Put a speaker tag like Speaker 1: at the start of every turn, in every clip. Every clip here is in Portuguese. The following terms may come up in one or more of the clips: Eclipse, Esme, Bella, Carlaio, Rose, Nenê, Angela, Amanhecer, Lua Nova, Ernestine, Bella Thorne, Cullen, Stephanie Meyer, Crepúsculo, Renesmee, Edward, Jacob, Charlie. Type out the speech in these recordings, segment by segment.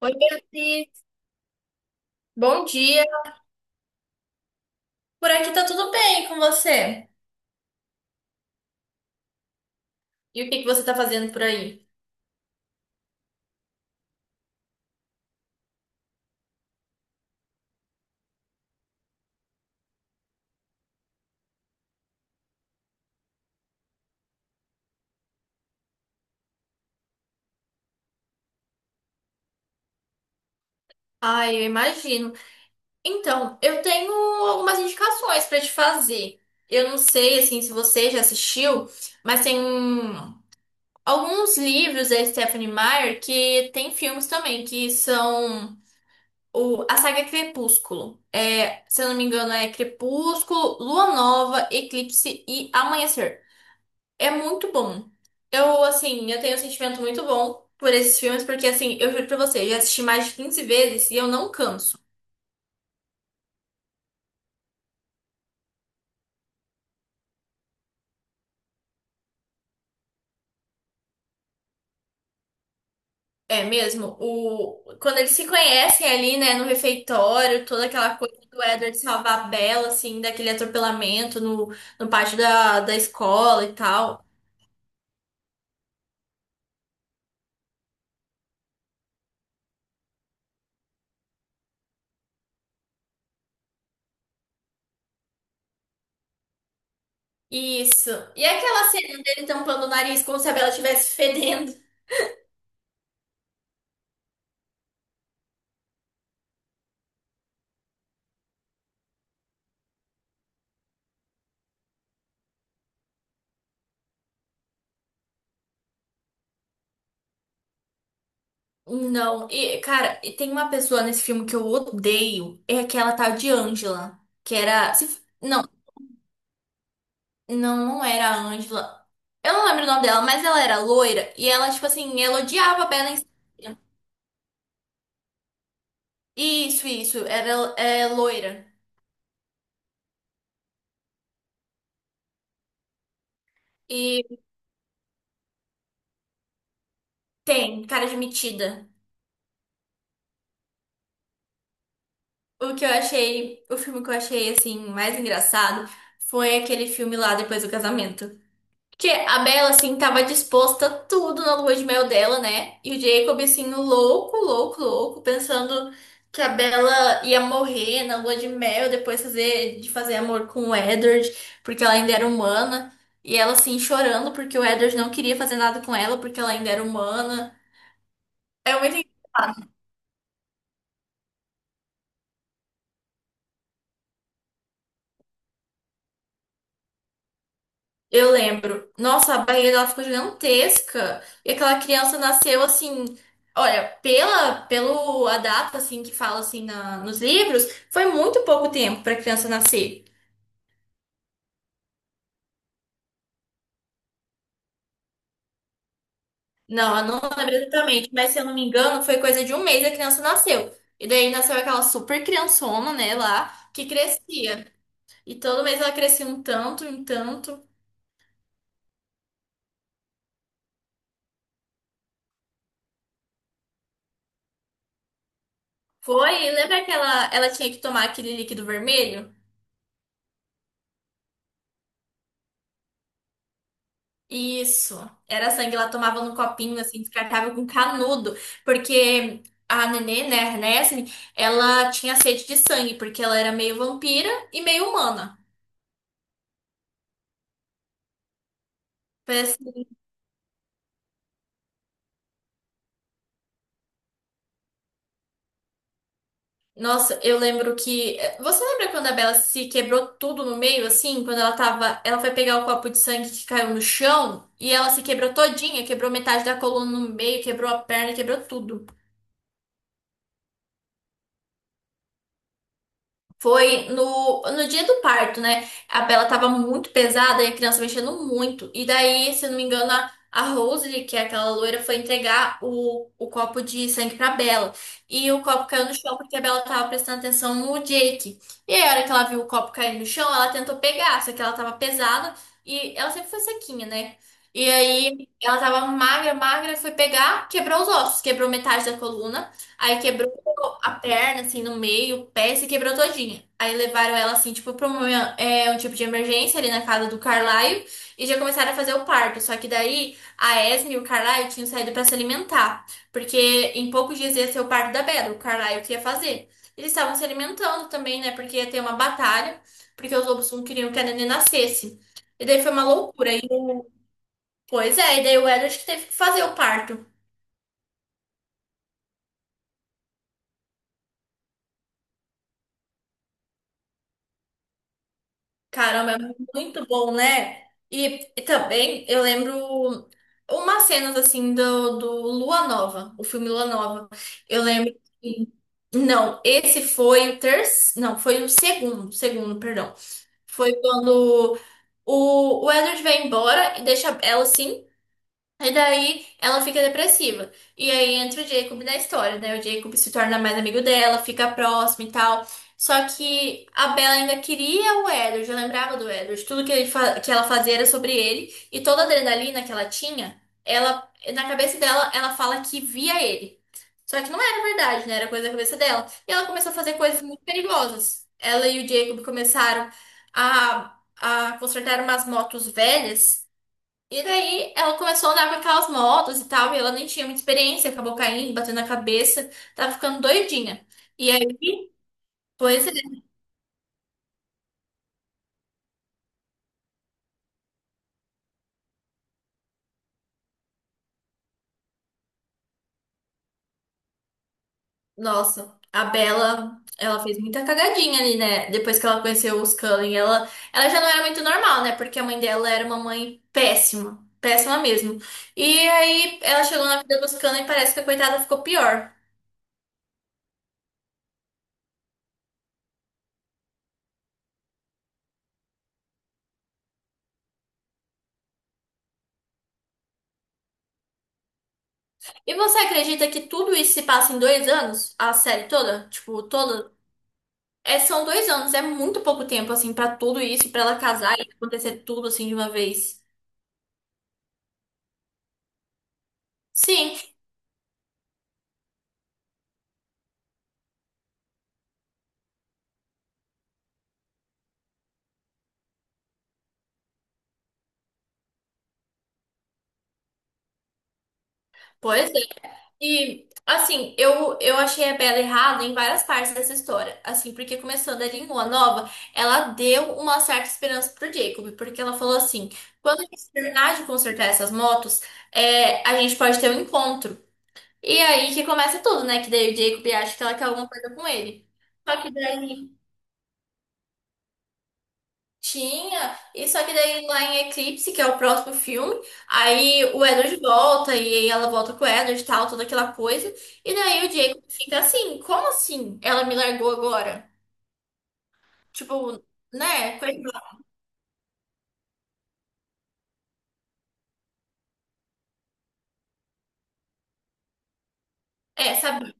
Speaker 1: Oi, Beatriz. Bom dia. Por aqui tá tudo bem com você? E o que que você tá fazendo por aí? Ai, eu imagino. Então, eu tenho algumas indicações pra te fazer. Eu não sei, assim, se você já assistiu, mas alguns livros da Stephanie Meyer que tem filmes também, que são a saga Crepúsculo. É, se eu não me engano, é Crepúsculo, Lua Nova, Eclipse e Amanhecer. É muito bom. Eu, assim, eu tenho um sentimento muito bom por esses filmes, porque, assim, eu juro pra você, eu já assisti mais de 15 vezes e eu não canso. É mesmo, quando eles se conhecem ali, né, no refeitório, toda aquela coisa do Edward salvar a Bella, assim, daquele atropelamento no pátio da escola e tal. Isso. E aquela cena dele tampando o nariz como se a Bella estivesse fedendo. Não, e, cara, e tem uma pessoa nesse filme que eu odeio, é aquela tal de Angela, que era. Se f- não, não, não era a Angela. Eu não lembro o nome dela, mas ela era loira e ela, tipo assim, ela odiava a Bella Thorne. Isso, era é, loira. E tem cara de metida. O filme que eu achei, assim, mais engraçado foi aquele filme lá depois do casamento. Porque a Bella, assim, tava disposta a tudo na lua de mel dela, né? E o Jacob, assim, louco, louco, louco, pensando que a Bella ia morrer na lua de mel, depois de fazer amor com o Edward, porque ela ainda era humana. E ela, assim, chorando porque o Edward não queria fazer nada com ela, porque ela ainda era humana. É muito Eu lembro. Nossa, a barriga dela ficou gigantesca. E aquela criança nasceu assim. Olha, pela pelo a data assim que fala assim nos livros, foi muito pouco tempo para a criança nascer. Não, eu não lembro exatamente, mas se eu não me engano, foi coisa de um mês a criança nasceu. E daí nasceu aquela super criançona, né, lá, que crescia. E todo mês ela crescia um tanto, um tanto. Foi, lembra que ela tinha que tomar aquele líquido vermelho? Isso. Era sangue, ela tomava num copinho, assim, descartável com canudo, porque a Nenê, né, a Ernestine, ela tinha sede de sangue, porque ela era meio vampira e meio humana. Foi assim, nossa, eu lembro que. Você lembra quando a Bella se quebrou tudo no meio, assim? Quando ela tava. Ela foi pegar o copo de sangue que caiu no chão e ela se quebrou todinha, quebrou metade da coluna no meio, quebrou a perna, quebrou tudo. Foi no dia do parto, né? A Bela tava muito pesada e a criança mexendo muito. E daí, se eu não me engano, a Rose, que é aquela loira, foi entregar o copo de sangue pra Bela. E o copo caiu no chão porque a Bela tava prestando atenção no Jake. E aí, a hora que ela viu o copo cair no chão, ela tentou pegar, só que ela tava pesada e ela sempre foi sequinha, né? E aí, ela tava magra, magra, foi pegar, quebrou os ossos, quebrou metade da coluna. Aí quebrou a perna, assim, no meio, o pé, se quebrou todinha. Aí levaram ela, assim, tipo, pra um tipo de emergência ali na casa do Carlaio e já começaram a fazer o parto. Só que daí a Esme e o Carlaio tinham saído pra se alimentar, porque em poucos dias ia ser o parto da Bela, o Carlaio que ia fazer. Eles estavam se alimentando também, né, porque ia ter uma batalha, porque os lobos não queriam que a neném nascesse. E daí foi uma loucura. Pois é, e daí o Edward que teve que fazer o parto. Caramba, é muito bom, né? E também eu lembro umas cenas assim do Lua Nova, o filme Lua Nova. Eu lembro que. Não, esse foi o terceiro. Não, foi o segundo, segundo, perdão. Foi quando o Edward vai embora e deixa ela assim. E daí ela fica depressiva. E aí entra o Jacob na história, né? O Jacob se torna mais amigo dela, fica próximo e tal. Só que a Bella ainda queria o Edward, eu lembrava do Edward. Tudo que ela fazia era sobre ele. E toda a adrenalina que ela tinha, ela, na cabeça dela, ela fala que via ele. Só que não era verdade, né? Era coisa da cabeça dela. E ela começou a fazer coisas muito perigosas. Ela e o Jacob começaram a consertar umas motos velhas. E daí ela começou a andar com aquelas motos e tal, e ela nem tinha muita experiência, acabou caindo, batendo na cabeça, tava ficando doidinha. E aí, pois é, nossa, a Bella ela fez muita cagadinha ali, né? Depois que ela conheceu os Cullen, ela já não era muito normal, né? Porque a mãe dela era uma mãe péssima, péssima mesmo. E aí ela chegou na vida dos Cullen e parece que a coitada ficou pior. E você acredita que tudo isso se passa em 2 anos? A série toda? Tipo, toda. É, são 2 anos, é muito pouco tempo, assim, pra tudo isso, pra ela casar e acontecer tudo, assim, de uma vez. Sim, pois é. E, assim, eu achei a Bella errada em várias partes dessa história. Assim, porque começando ali em Lua Nova, ela deu uma certa esperança pro Jacob, porque ela falou assim: quando a gente terminar de consertar essas motos, a gente pode ter um encontro. E aí que começa tudo, né? Que daí o Jacob acha que ela quer alguma coisa com ele. Só que daí. Tinha, e só que daí lá em Eclipse, que é o próximo filme, aí o Edward volta e ela volta com o Edward e tal, toda aquela coisa. E daí o Jacob fica assim, como assim? Ela me largou agora? Tipo, né? É, sabe?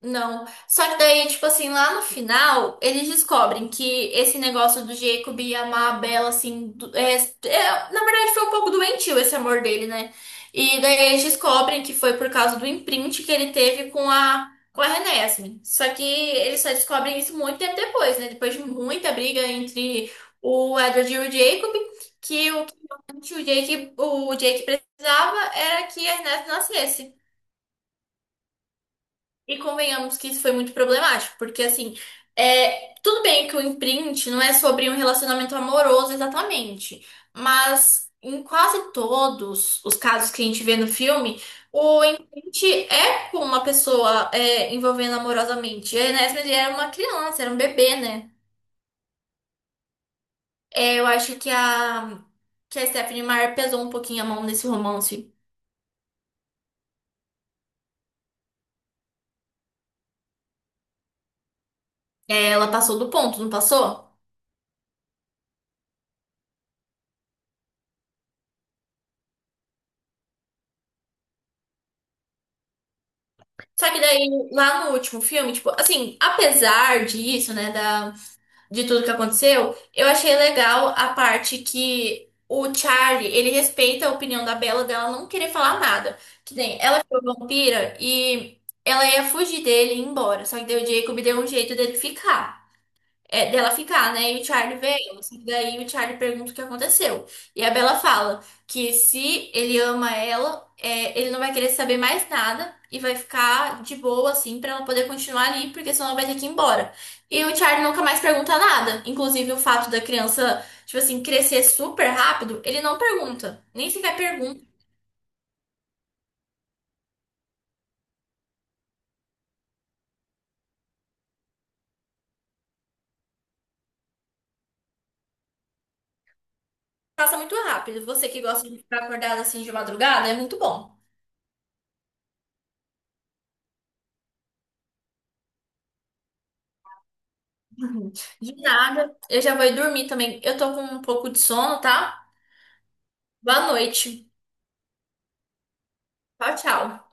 Speaker 1: Não. Só que daí, tipo assim, lá no final, eles descobrem que esse negócio do Jacob e amar a Bella, assim, na verdade foi um pouco doentio esse amor dele, né? E daí eles descobrem que foi por causa do imprint que ele teve com a Renesmee. Só que eles só descobrem isso muito tempo depois, né? Depois de muita briga entre o Edward e o Jacob, que o que realmente o Jake precisava era que a Renesmee nascesse. E convenhamos que isso foi muito problemático, porque assim, tudo bem que o imprint não é sobre um relacionamento amoroso exatamente, mas em quase todos os casos que a gente vê no filme, o imprint é com uma pessoa envolvendo amorosamente. E ele era uma criança, era um bebê, né? É, eu acho que a Stephanie Meyer pesou um pouquinho a mão nesse romance. É, ela passou do ponto, não passou? Só que daí, lá no último filme, tipo, assim, apesar disso, né, de tudo que aconteceu, eu achei legal a parte que o Charlie, ele respeita a opinião da Bella dela não querer falar nada. Que nem, ela ficou vampira e ela ia fugir dele e ir embora. Só que daí o Jacob deu um jeito dele ficar. É, dela ficar, né? E o Charlie veio. Só que daí o Charlie pergunta o que aconteceu. E a Bella fala que se ele ama ela, ele não vai querer saber mais nada e vai ficar de boa, assim, pra ela poder continuar ali, porque senão ela vai ter que ir embora. E o Charlie nunca mais pergunta nada. Inclusive o fato da criança, tipo assim, crescer super rápido, ele não pergunta. Nem sequer pergunta, passa muito rápido. Você que gosta de ficar acordada assim de madrugada, é muito bom. Uhum. De nada, eu já vou ir dormir também. Eu tô com um pouco de sono, tá? Boa noite. Tchau, tchau.